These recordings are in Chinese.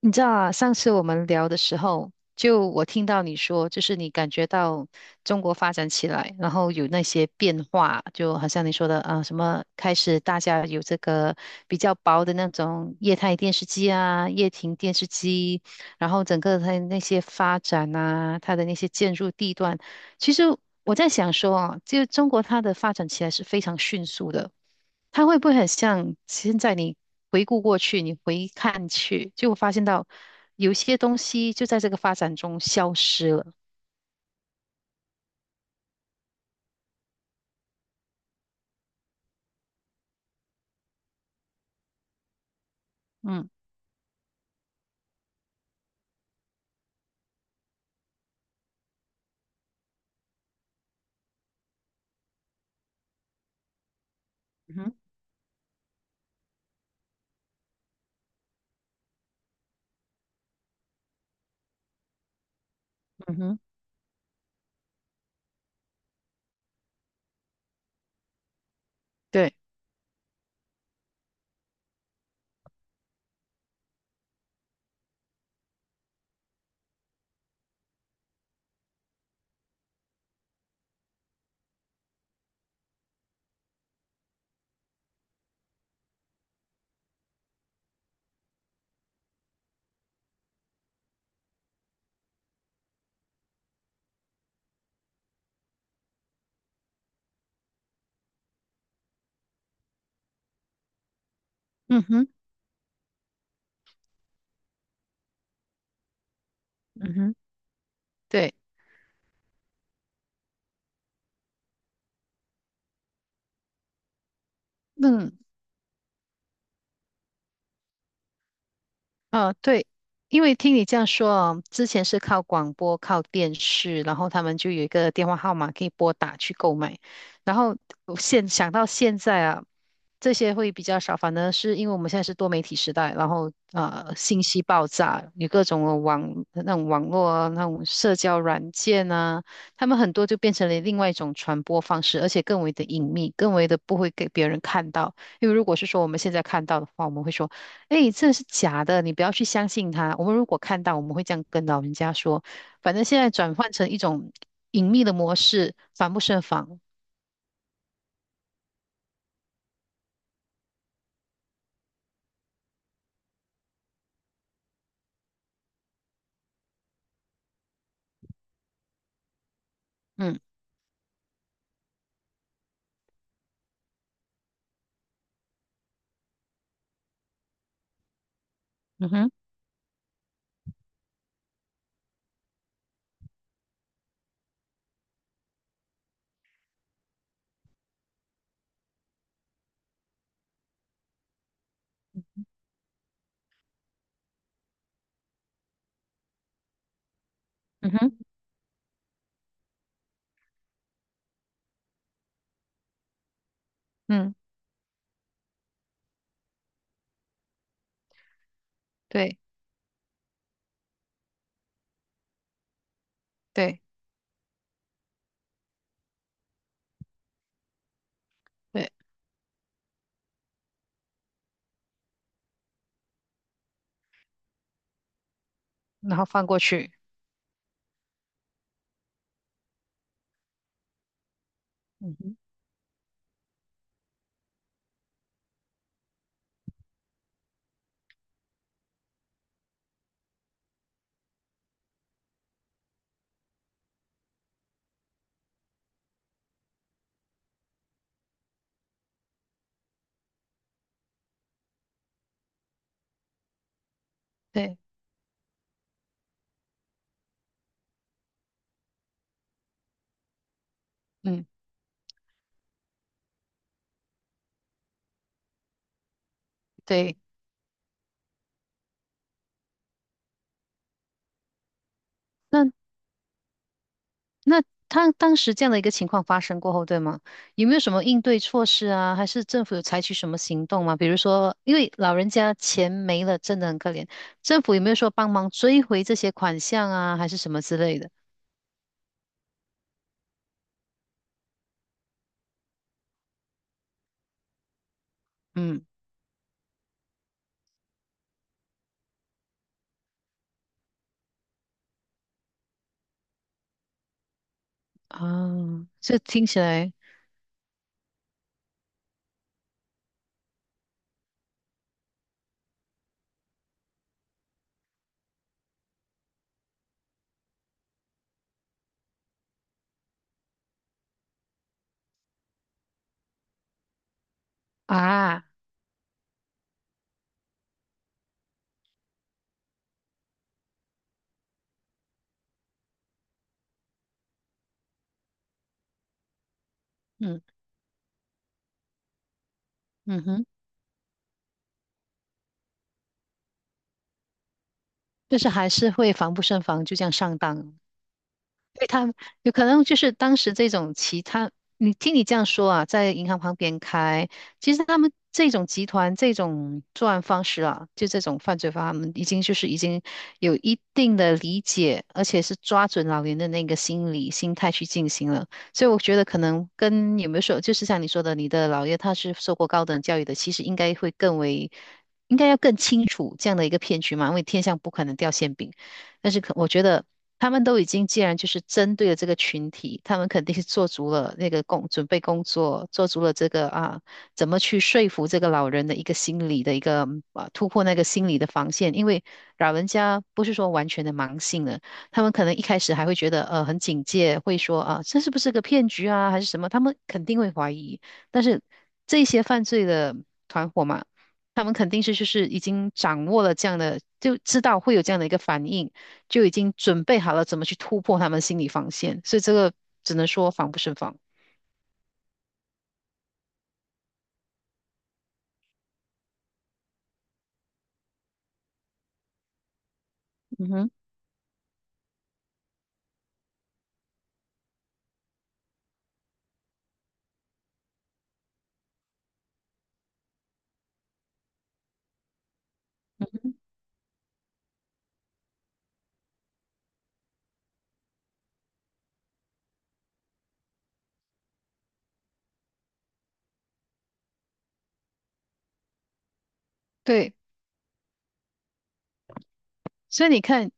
你知道啊，上次我们聊的时候，就我听到你说，就是你感觉到中国发展起来，然后有那些变化，就好像你说的啊，什么开始大家有这个比较薄的那种液态电视机啊、液晶电视机，然后整个它的那些发展啊，它的那些建筑地段，其实我在想说啊，就中国它的发展起来是非常迅速的。它会不会很像现在你回顾过去，你回看去，就发现到有些东西就在这个发展中消失了。嗯嗯哼，嗯哼，对，嗯哼，嗯哼，对，嗯，啊，对，因为听你这样说啊，之前是靠广播、靠电视，然后他们就有一个电话号码可以拨打去购买。然后我现想到现在啊，这些会比较少，反而是因为我们现在是多媒体时代，然后信息爆炸，有各种的那种网络啊，那种社交软件啊，他们很多就变成了另外一种传播方式，而且更为的隐秘，更为的不会给别人看到。因为如果是说我们现在看到的话，我们会说，哎，这是假的，你不要去相信他。我们如果看到，我们会这样跟老人家说。反正现在转换成一种隐秘的模式，防不胜防。嗯嗯哼嗯哼嗯，对对对，然后放过去。嗯哼，对嗯对。那。那他当时这样的一个情况发生过后，对吗？有没有什么应对措施啊？还是政府有采取什么行动吗？比如说，因为老人家钱没了，真的很可怜，政府有没有说帮忙追回这些款项啊，还是什么之类的？嗯，啊，这听起来啊，嗯嗯哼，就是还是会防不胜防，就这样上当了。对他们有可能就是当时这种其他，你听你这样说啊，在银行旁边开，其实他们这种集团这种作案方式啊，就这种犯罪方法，他们已经就是已经有一定的理解，而且是抓准老人的那个心理心态去进行了。所以我觉得可能跟有没有说，就是像你说的，你的姥爷他是受过高等教育的，其实应该会更为。应该要更清楚这样的一个骗局嘛，因为天上不可能掉馅饼。但是可我觉得他们都已经既然就是针对了这个群体，他们肯定是做足了那个工，准备工作，做足了这个啊，怎么去说服这个老人的一个心理的一个啊，突破那个心理的防线，因为老人家不是说完全的盲信了，他们可能一开始还会觉得很警戒，会说啊这是不是个骗局啊还是什么，他们肯定会怀疑，但是这些犯罪的团伙嘛。他们肯定是就是已经掌握了这样的，就知道会有这样的一个反应，就已经准备好了怎么去突破他们心理防线，所以这个只能说防不胜防。嗯哼，对。所以你看，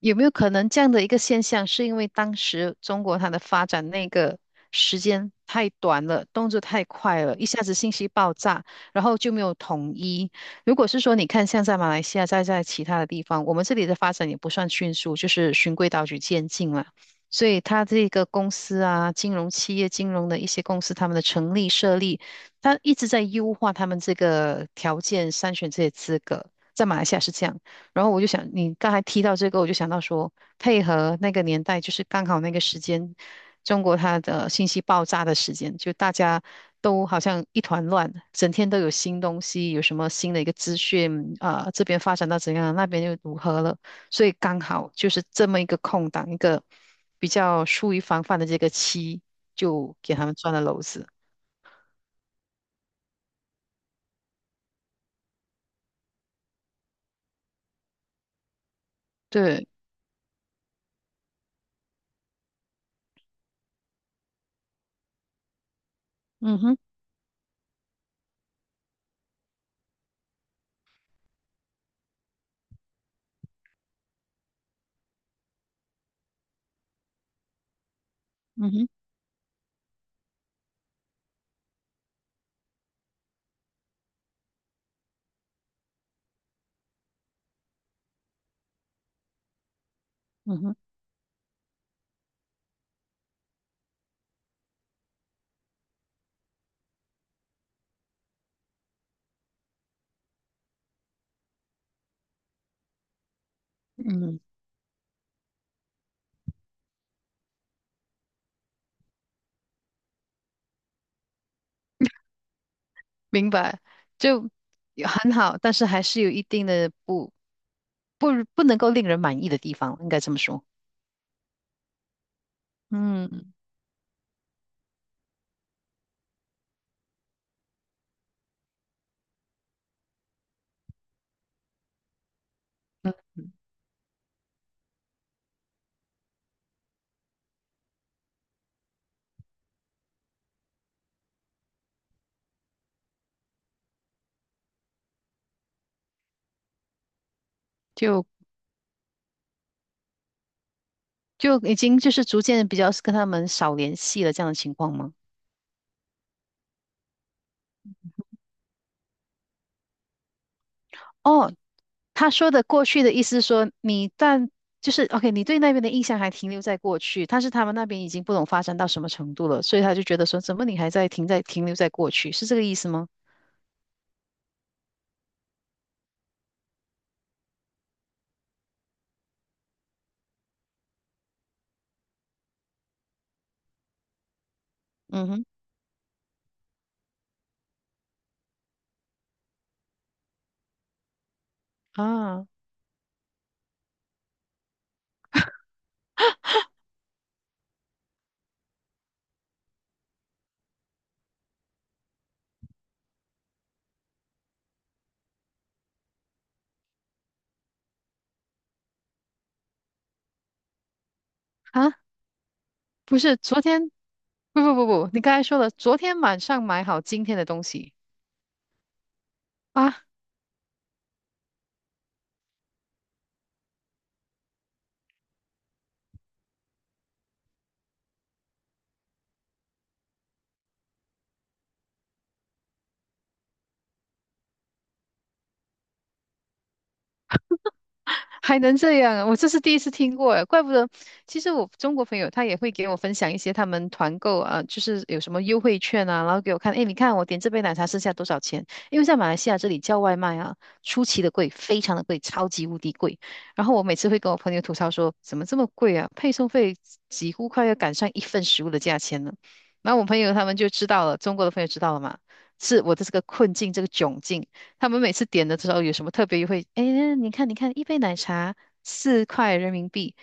有没有可能这样的一个现象，是因为当时中国它的发展那个时间太短了，动作太快了，一下子信息爆炸，然后就没有统一。如果是说你看，像在马来西亚，再在其他的地方，我们这里的发展也不算迅速，就是循规蹈矩渐进了。所以它这个公司啊，金融企业、金融的一些公司，他们的成立设立，它一直在优化他们这个条件，筛选这些资格。在马来西亚是这样。然后我就想，你刚才提到这个，我就想到说，配合那个年代，就是刚好那个时间，中国它的信息爆炸的时间，就大家都好像一团乱，整天都有新东西，有什么新的一个资讯啊、这边发展到怎样，那边又如何了，所以刚好就是这么一个空档，一个比较疏于防范的这个期，就给他们钻了篓子。对，嗯哼，嗯哼，嗯哼，嗯。明白，就也很好，但是还是有一定的不不能够令人满意的地方，应该这么说。嗯嗯，就就已经就是逐渐比较跟他们少联系了这样的情况吗？哦，他说的过去的意思是说就是 OK，你对那边的印象还停留在过去，但是他们那边已经不懂发展到什么程度了，所以他就觉得说怎么你还在停留在过去，是这个意思吗？嗯哼，啊啊，不是，昨天。不不不不，你刚才说了，昨天晚上买好今天的东西啊，还能这样啊，我这是第一次听过诶，怪不得。其实我中国朋友他也会给我分享一些他们团购啊，就是有什么优惠券啊，然后给我看，诶，你看我点这杯奶茶剩下多少钱？因为在马来西亚这里叫外卖啊，出奇的贵，非常的贵，超级无敌贵。然后我每次会跟我朋友吐槽说，怎么这么贵啊？配送费几乎快要赶上一份食物的价钱了。然后我朋友他们就知道了，中国的朋友知道了嘛，是我的这个困境，这个窘境。他们每次点的时候有什么特别优惠？哎，你看，你看，一杯奶茶4块人民币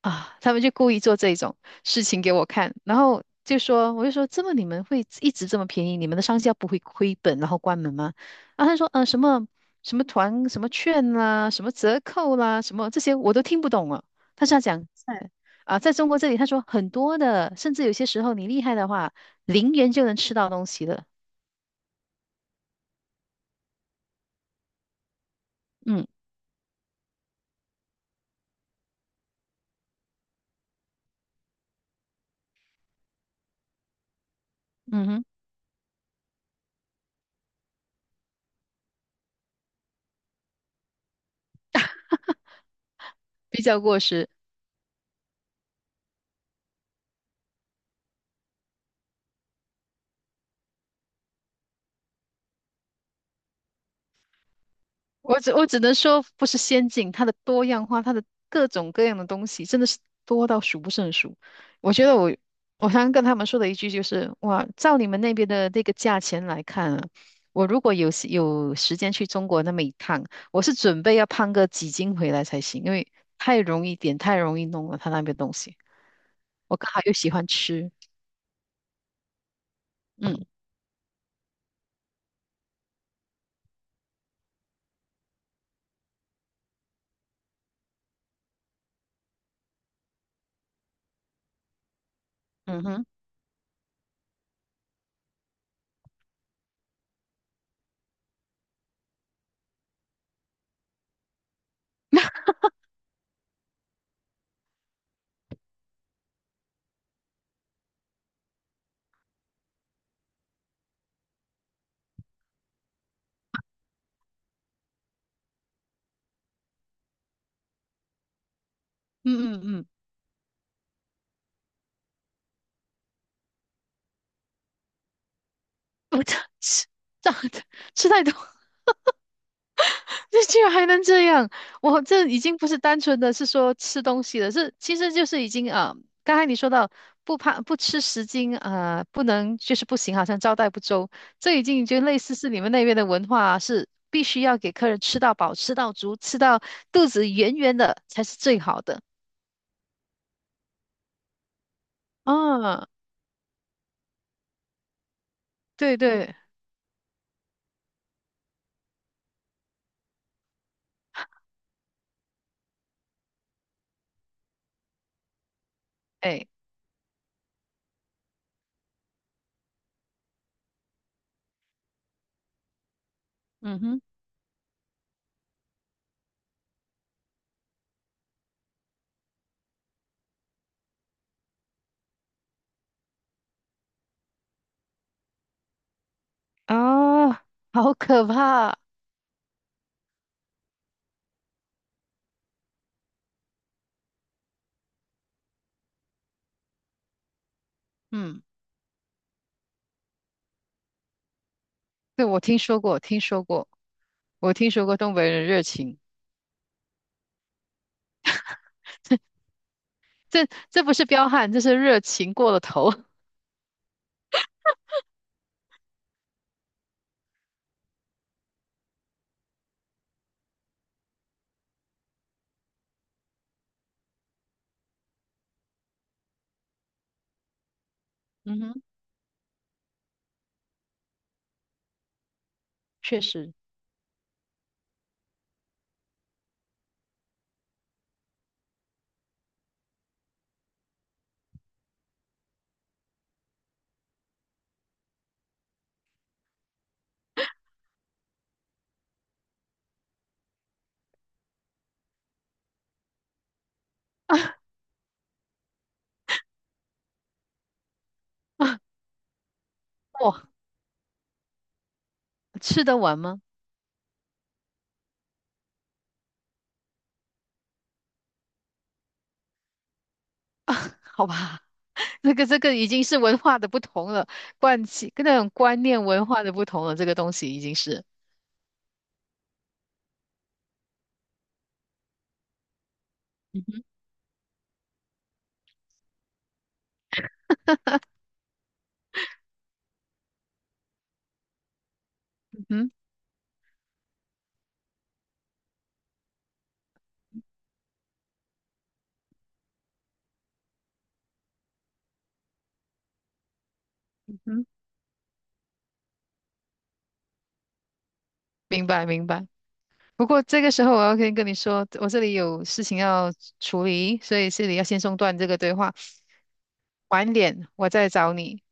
啊！他们就故意做这种事情给我看，然后就说，我就说，这么你们会一直这么便宜？你们的商家不会亏本然后关门吗？啊，他说，什么什么团、什么券啦、什么折扣啦、什么这些我都听不懂啊。他是要讲在中国这里，他说很多的，甚至有些时候你厉害的话，0元就能吃到东西了。嗯嗯哼，比较过时。我只能说，不是先进，它的多样化，它的各种各样的东西，真的是多到数不胜数。我觉得我常常跟他们说的一句就是，哇，照你们那边的那个价钱来看啊，我如果有时间去中国那么一趟，我是准备要胖个几斤回来才行，因为太容易点，太容易弄了，他那边东西。我刚好又喜欢吃，嗯嗯哼，嗯嗯嗯，我 长吃太多。这居然还能这样！我这已经不是单纯的是说吃东西了，是其实就是已经啊、刚才你说到不怕不吃10斤啊、不能就是不行，好像招待不周，这已经就类似是你们那边的文化啊是必须要给客人吃到饱、吃到足、吃到肚子圆圆的才是最好的。啊，对对，哎，嗯哼，啊，好可怕！嗯，对，我听说过，听说过，我听说过东北人热情。这不是彪悍，这是热情过了头。嗯哼，确实，啊。哇，吃得完吗？啊，好吧，这个已经是文化的不同了，惯性跟那种观念文化的不同了，这个东西已经是，嗯哼，嗯，嗯哼，明白明白。不过这个时候我要先跟你说，我这里有事情要处理，所以这里要先中断这个对话，晚点我再找你。